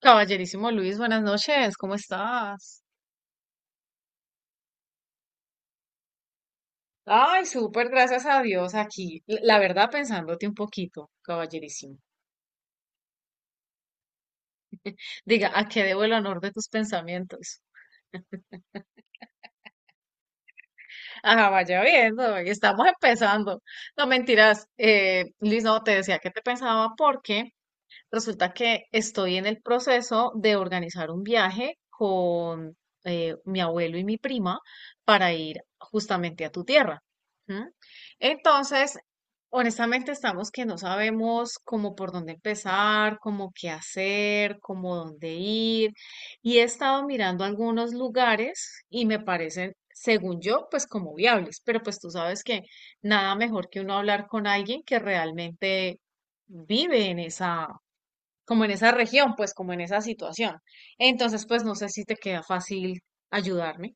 Caballerísimo Luis, buenas noches, ¿cómo estás? Ay, súper, gracias a Dios aquí. La verdad, pensándote un poquito, caballerísimo. Diga, ¿a qué debo el honor de tus pensamientos? Ajá, vaya viendo, y estamos empezando. No, mentiras, Luis, no, te decía que te pensaba porque resulta que estoy en el proceso de organizar un viaje con mi abuelo y mi prima para ir justamente a tu tierra. ¿M? Entonces, honestamente estamos que no sabemos cómo por dónde empezar, cómo qué hacer, cómo dónde ir. Y he estado mirando algunos lugares y me parecen, según yo, pues como viables. Pero pues tú sabes que nada mejor que uno hablar con alguien que realmente vive en esa, como en esa región, pues como en esa situación. Entonces, pues no sé si te queda fácil ayudarme.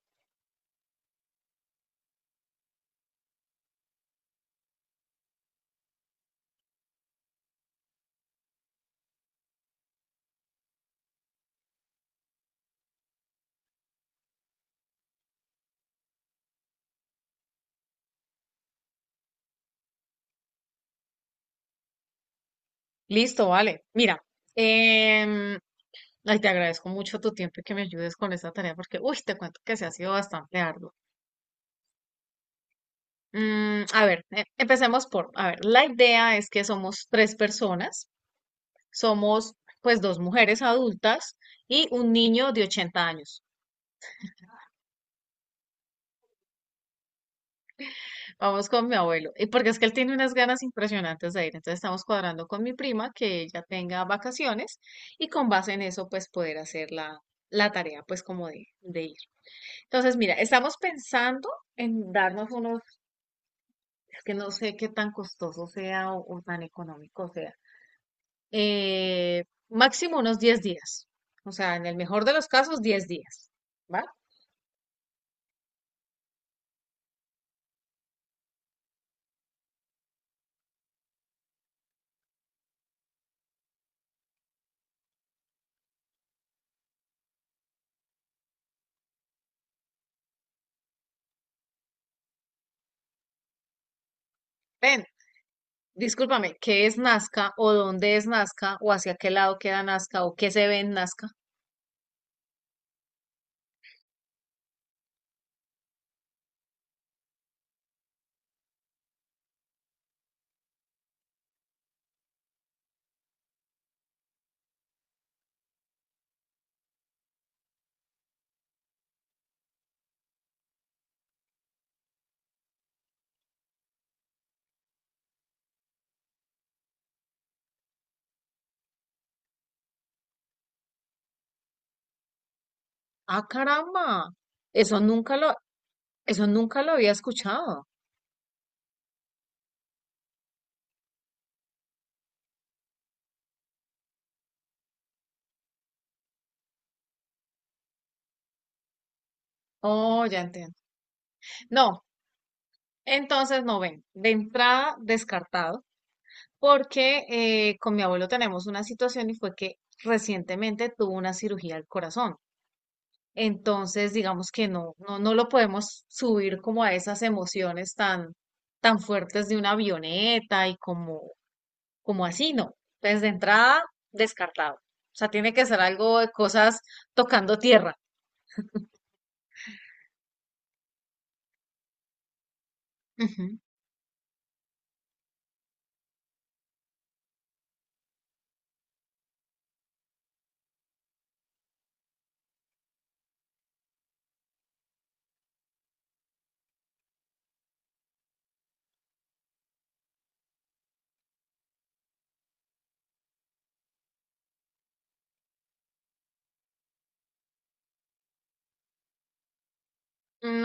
Listo, vale. Mira, em, ay, te agradezco mucho tu tiempo y que me ayudes con esta tarea porque, uy, te cuento que se ha sido bastante arduo. Mm, a ver, empecemos por, a ver, la idea es que somos tres personas, somos pues dos mujeres adultas y un niño de 80 años. Vamos con mi abuelo. Y porque es que él tiene unas ganas impresionantes de ir. Entonces estamos cuadrando con mi prima que ella tenga vacaciones y con base en eso pues poder hacer la, la tarea pues como de ir. Entonces mira, estamos pensando en darnos unos, es que no sé qué tan costoso sea o tan económico sea. Máximo unos 10 días. O sea, en el mejor de los casos 10 días. ¿Vale? Ven. Discúlpame, ¿qué es Nazca o dónde es Nazca o hacia qué lado queda Nazca o qué se ve en Nazca? Ah, caramba. Eso nunca lo, eso nunca lo había escuchado. Oh, ya entiendo. No, entonces no ven. De entrada, descartado, porque con mi abuelo tenemos una situación y fue que recientemente tuvo una cirugía al corazón. Entonces, digamos que no, no, no lo podemos subir como a esas emociones tan, tan fuertes de una avioneta y como, como así, no. Entonces, de entrada, descartado. O sea, tiene que ser algo de cosas tocando tierra. Ujú.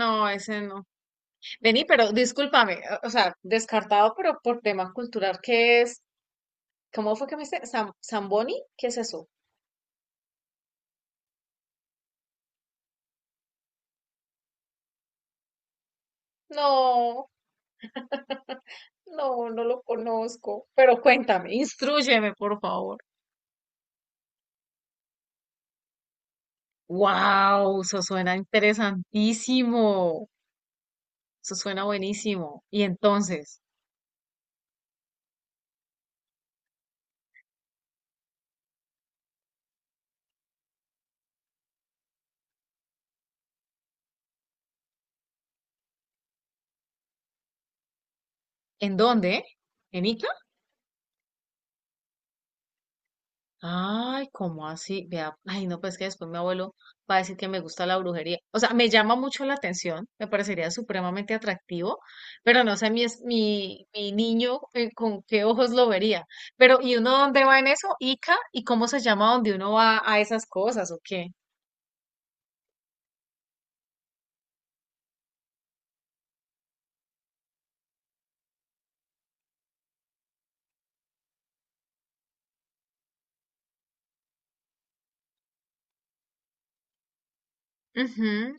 No, ese no. Vení, pero discúlpame, o sea, descartado, pero por tema cultural, ¿qué es? ¿Cómo fue que me dice? Zamboni? ¿Qué es eso? No, no, no lo conozco. Pero cuéntame, instrúyeme, por favor. Wow, eso suena interesantísimo. Eso suena buenísimo. ¿Y entonces? ¿En dónde? ¿En Ica? Ay, ¿cómo así? Vea, ay, no, pues que después mi abuelo va a decir que me gusta la brujería. O sea, me llama mucho la atención, me parecería supremamente atractivo, pero no sé mi, mi, mi niño con qué ojos lo vería. Pero, ¿y uno dónde va en eso? ¿Ica? ¿Y cómo se llama donde uno va a esas cosas o qué? Ujú,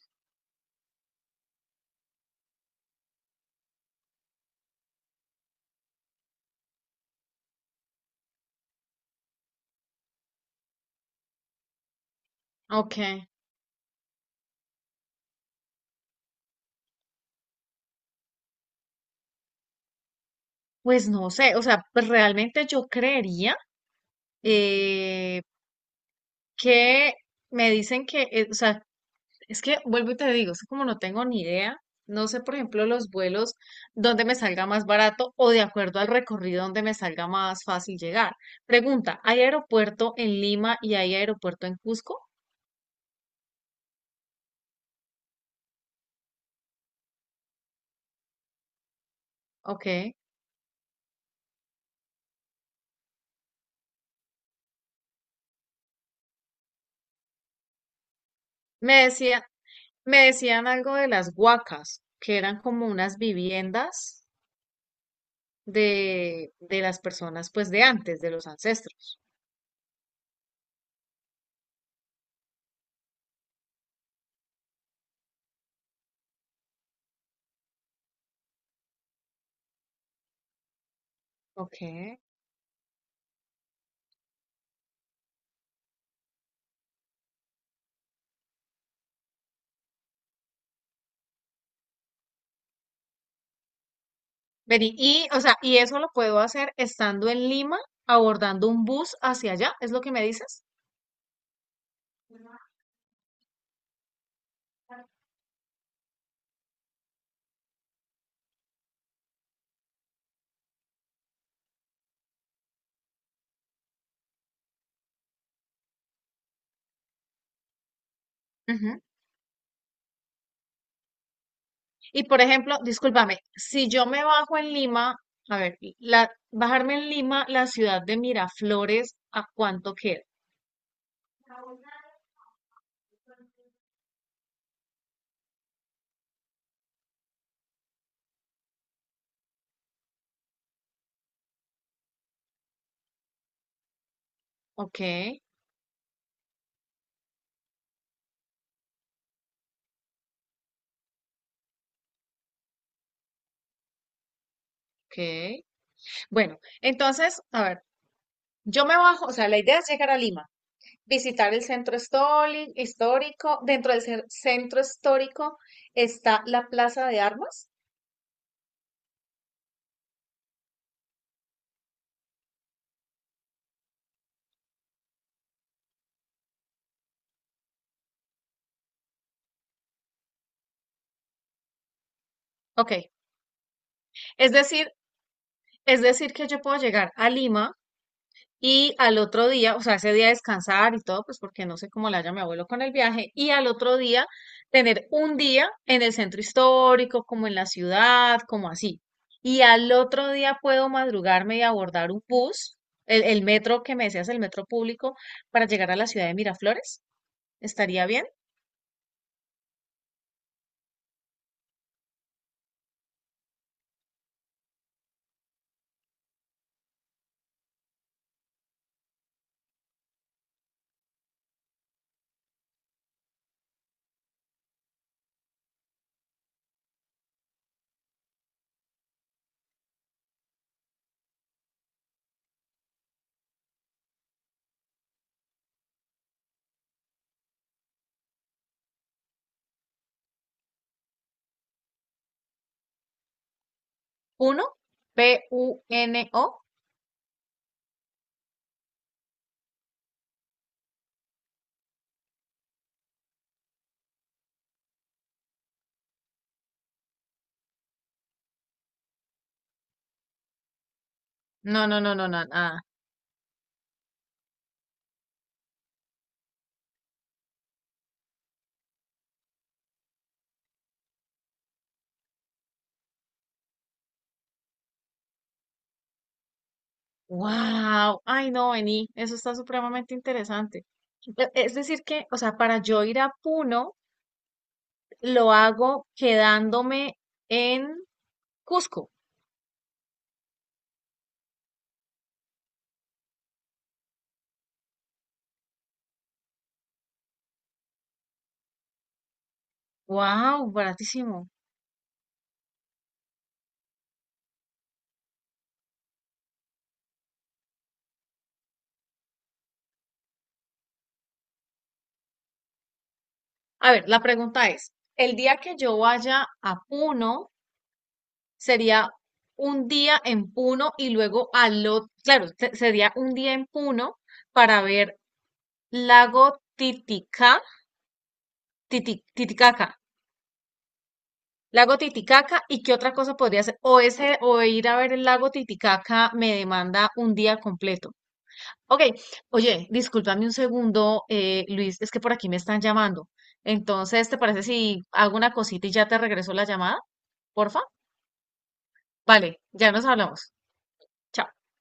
ok. Pues no sé, o sea, pues realmente yo creería eh, que me dicen que, o sea, es que vuelvo y te digo, es que como no tengo ni idea, no sé, por ejemplo, los vuelos donde me salga más barato o de acuerdo al recorrido donde me salga más fácil llegar. Pregunta, ¿hay aeropuerto en Lima y hay aeropuerto en Cusco? Ok. Me decía, me decían algo de las huacas, que eran como unas viviendas de las personas, pues de antes, de los ancestros. Ok. Vení, y, o sea, y eso lo puedo hacer estando en Lima, abordando un bus hacia allá, ¿es lo que me dices? Ujú. Y por ejemplo, discúlpame, si yo me bajo en Lima, a ver, la, bajarme en Lima, la ciudad de Miraflores, ¿a cuánto queda? Ok, ok. Bueno, entonces, a ver, yo me bajo, o sea, la idea es llegar a Lima, visitar el centro histórico, histórico. Dentro del centro histórico está la Plaza de Armas. Ok, es decir, es decir que yo puedo llegar a Lima y al otro día, o sea, ese día descansar y todo, pues porque no sé cómo le haya mi abuelo con el viaje. Y al otro día tener un día en el centro histórico, como en la ciudad, como así. Y al otro día puedo madrugarme y abordar un bus, el metro que me decías, el metro público, para llegar a la ciudad de Miraflores. ¿Estaría bien? Uno, PUNO. No, no, no, no, no, nada. Wow, ay no, vení, eso está supremamente interesante. Es decir que, o sea, para yo ir a Puno, lo hago quedándome en Cusco. Wow, baratísimo. A ver, la pregunta es, ¿el día que yo vaya a Puno sería un día en Puno y luego al otro, claro, sería un día en Puno para ver lago Titicaca, Titicaca? Lago Titicaca, ¿y qué otra cosa podría hacer? O ese, o ir a ver el lago Titicaca me demanda un día completo. Ok, oye, discúlpame un segundo, Luis, es que por aquí me están llamando. Entonces, ¿te parece si hago una cosita y ya te regreso la llamada? Porfa. Vale, ya nos hablamos. Chao.